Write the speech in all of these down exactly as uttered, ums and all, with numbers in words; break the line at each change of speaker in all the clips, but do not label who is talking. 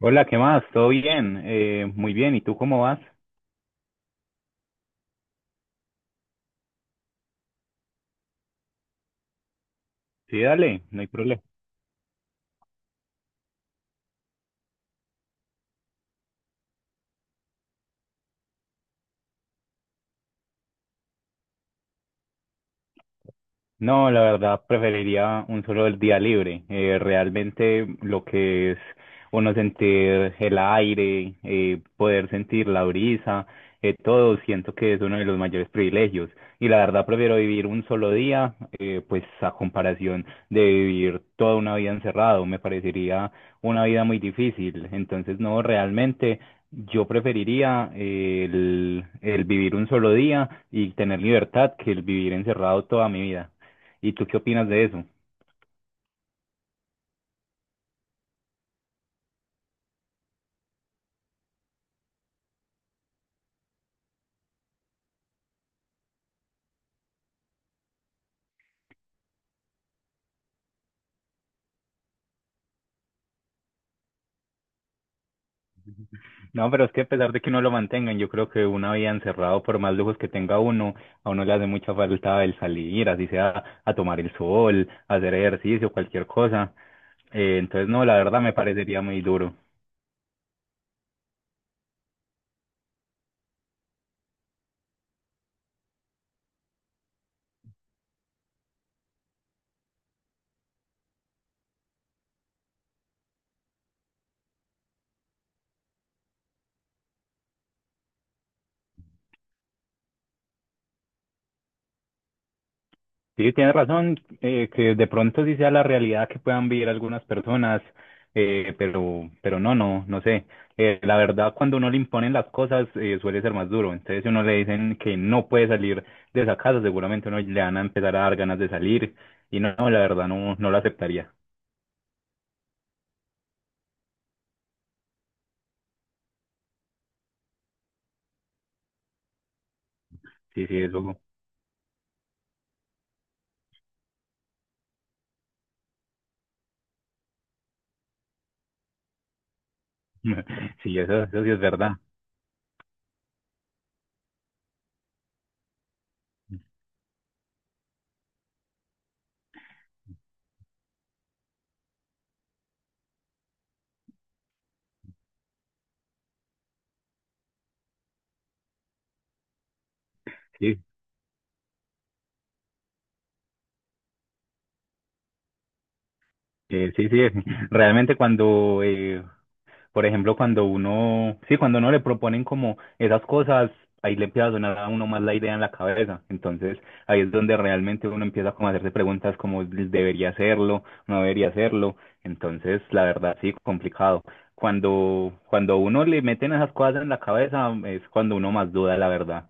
Hola, ¿qué más? ¿Todo bien? Eh, muy bien, ¿y tú cómo vas? Sí, dale, no hay problema. No, la verdad preferiría un solo día libre. Eh, realmente lo que es uno sentir el aire, eh, poder sentir la brisa, eh, todo siento que es uno de los mayores privilegios. Y la verdad prefiero vivir un solo día, eh, pues a comparación de vivir toda una vida encerrado, me parecería una vida muy difícil. Entonces, no, realmente yo preferiría eh, el el vivir un solo día y tener libertad que el vivir encerrado toda mi vida. ¿Y tú qué opinas de eso? No, pero es que a pesar de que no lo mantengan, yo creo que una vida encerrado, por más lujos que tenga uno, a uno le hace mucha falta el salir, así sea a tomar el sol, a hacer ejercicio, cualquier cosa. Eh, entonces, no, la verdad me parecería muy duro. Sí, tienes razón, eh, que de pronto sí sea la realidad que puedan vivir algunas personas, eh, pero, pero no, no, no sé. Eh, la verdad, cuando uno le imponen las cosas, eh, suele ser más duro. Entonces, si uno le dicen que no puede salir de esa casa, seguramente uno le van a empezar a dar ganas de salir. Y no, no, la verdad, no, no lo aceptaría. Sí, sí, eso, sí, eso, eso sí es verdad. Sí, eh, sí, sí. Realmente cuando eh, Por ejemplo, cuando uno, sí, cuando uno le proponen como esas cosas, ahí le empieza a sonar a uno más la idea en la cabeza. Entonces, ahí es donde realmente uno empieza como a hacerse preguntas como debería hacerlo, no debería hacerlo. Entonces, la verdad, sí, complicado. Cuando, cuando a uno le meten esas cosas en la cabeza, es cuando uno más duda, la verdad.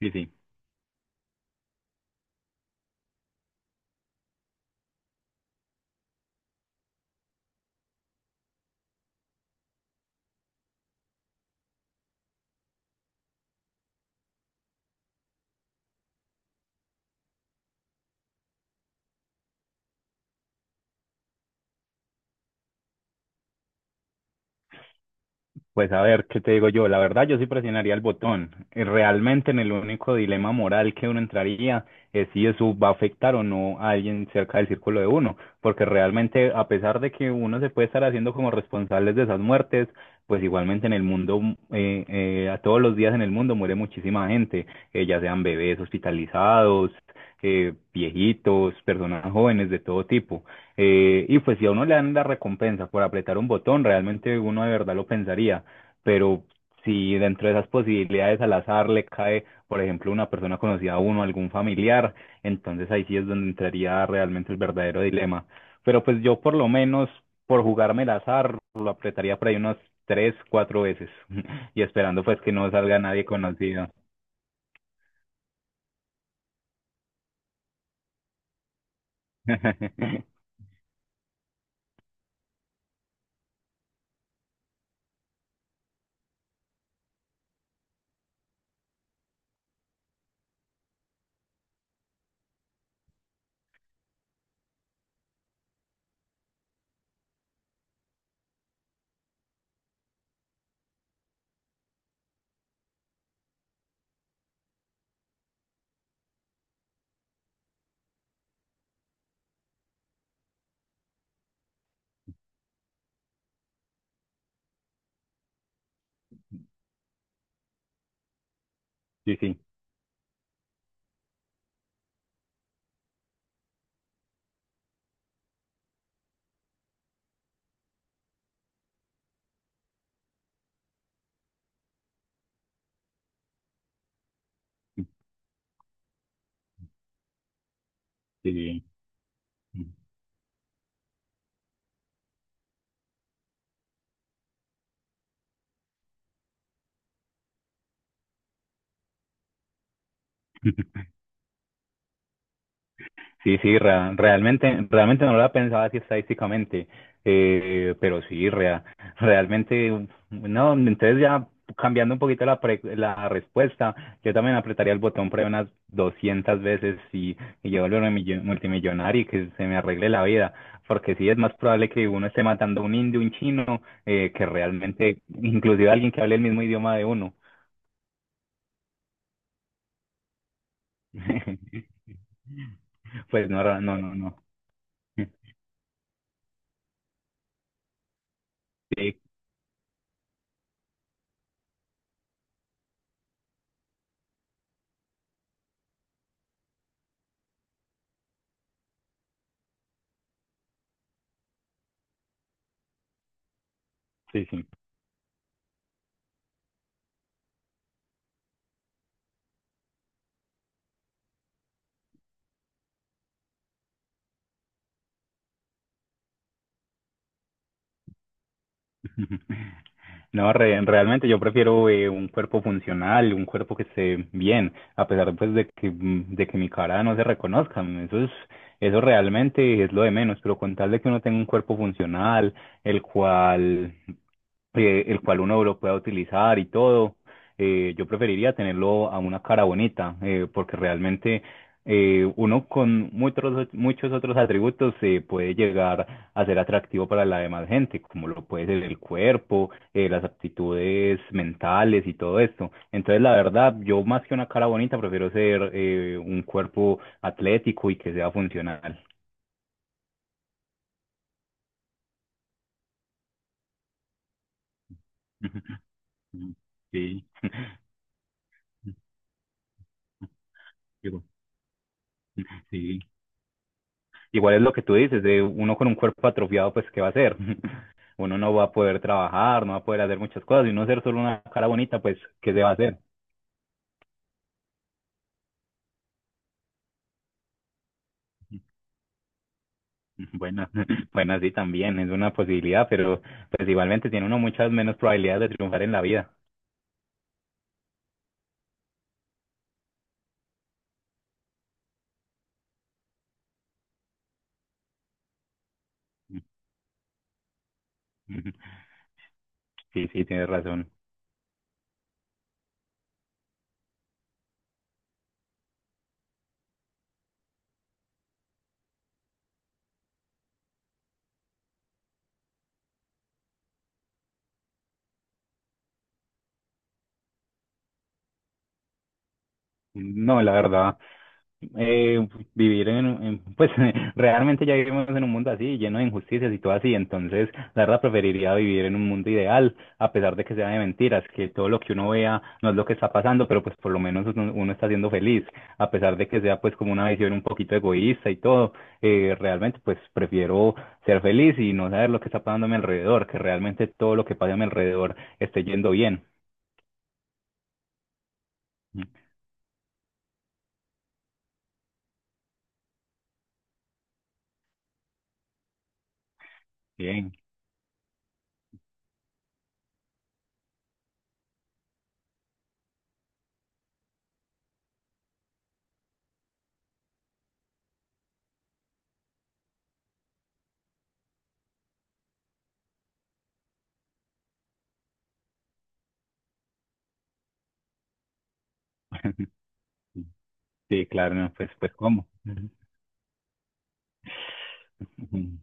Sí, sí. Pues a ver, ¿qué te digo yo? La verdad, yo sí presionaría el botón. Eh, Realmente en el único dilema moral que uno entraría es si eso va a afectar o no a alguien cerca del círculo de uno, porque realmente a pesar de que uno se puede estar haciendo como responsables de esas muertes, pues igualmente en el mundo, eh, eh, a todos los días en el mundo muere muchísima gente, eh, ya sean bebés hospitalizados, eh, viejitos, personas jóvenes de todo tipo. Eh, y pues si a uno le dan la recompensa por apretar un botón, realmente uno de verdad lo pensaría, pero si dentro de esas posibilidades al azar le cae, por ejemplo, una persona conocida a uno, algún familiar, entonces ahí sí es donde entraría realmente el verdadero dilema. Pero pues yo por lo menos, por jugarme el azar, lo apretaría por ahí unas tres, cuatro veces y esperando pues que no salga nadie conocido. Sí, sí, sí. Sí, sí, rea- realmente, realmente no lo había pensado así estadísticamente, eh, pero sí, rea- realmente, um, no, entonces ya cambiando un poquito la, pre- la respuesta, yo también apretaría el botón pre unas doscientas veces y, y yo volverme millo- multimillonario y que se me arregle la vida, porque sí es más probable que uno esté matando a un indio, un chino, eh, que realmente, inclusive alguien que hable el mismo idioma de uno. Pues no, ra- no, no, no. Sí, sí, sí. No, re- realmente yo prefiero eh, un cuerpo funcional, un cuerpo que esté bien, a pesar pues de que, mm, de que mi cara no se reconozca. Eso es, eso realmente es lo de menos, pero con tal de que uno tenga un cuerpo funcional, el cual eh, el cual uno lo pueda utilizar y todo. Eh, yo preferiría tenerlo a una cara bonita, eh, porque realmente eh, uno con muchos, muchos otros atributos eh, puede llegar a ser atractivo para la demás gente, como lo puede ser el cuerpo, eh, las aptitudes mentales y todo esto. Entonces, la verdad, yo más que una cara bonita, prefiero ser eh, un cuerpo atlético y que sea funcional. Sí, digo, sí. Igual es lo que tú dices, de uno con un cuerpo atrofiado, pues, ¿qué va a hacer? Uno no va a poder trabajar, no va a poder hacer muchas cosas, y uno ser solo una cara bonita, pues, ¿qué se va a hacer? Bueno, bueno, sí, también es una posibilidad, pero pues igualmente tiene uno muchas menos probabilidades de triunfar en la vida. Sí, sí, tienes razón. No, la verdad, eh, vivir en, en- pues realmente ya vivimos en un mundo así, lleno de injusticias y todo así, entonces la verdad preferiría vivir en un mundo ideal, a pesar de que sea de mentiras, que todo lo que uno vea no es lo que está pasando, pero pues por lo menos uno, uno está siendo feliz, a pesar de que sea pues como una visión un poquito egoísta y todo, eh, realmente pues prefiero ser feliz y no saber lo que está pasando a mi alrededor, que realmente todo lo que pasa a mi alrededor esté yendo bien. Bien, sí, claro, no, pues pues cómo. Ujú.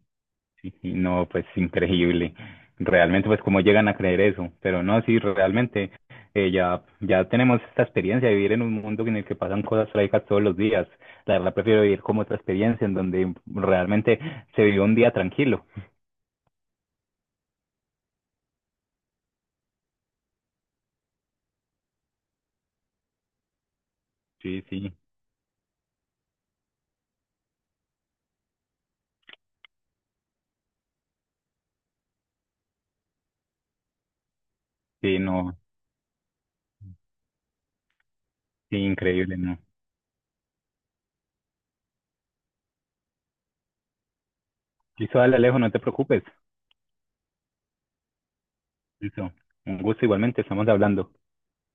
Sí, sí, no, pues increíble. Realmente, pues cómo llegan a creer eso. Pero no, sí, realmente eh, ya, ya tenemos esta experiencia de vivir en un mundo en el que pasan cosas trágicas todos los días. La verdad, prefiero vivir como otra experiencia en donde realmente se vive un día tranquilo. Sí, sí, sí, no, sí, increíble, no. Listo, dale, Alejo, no te preocupes. Listo, un gusto igualmente, estamos hablando.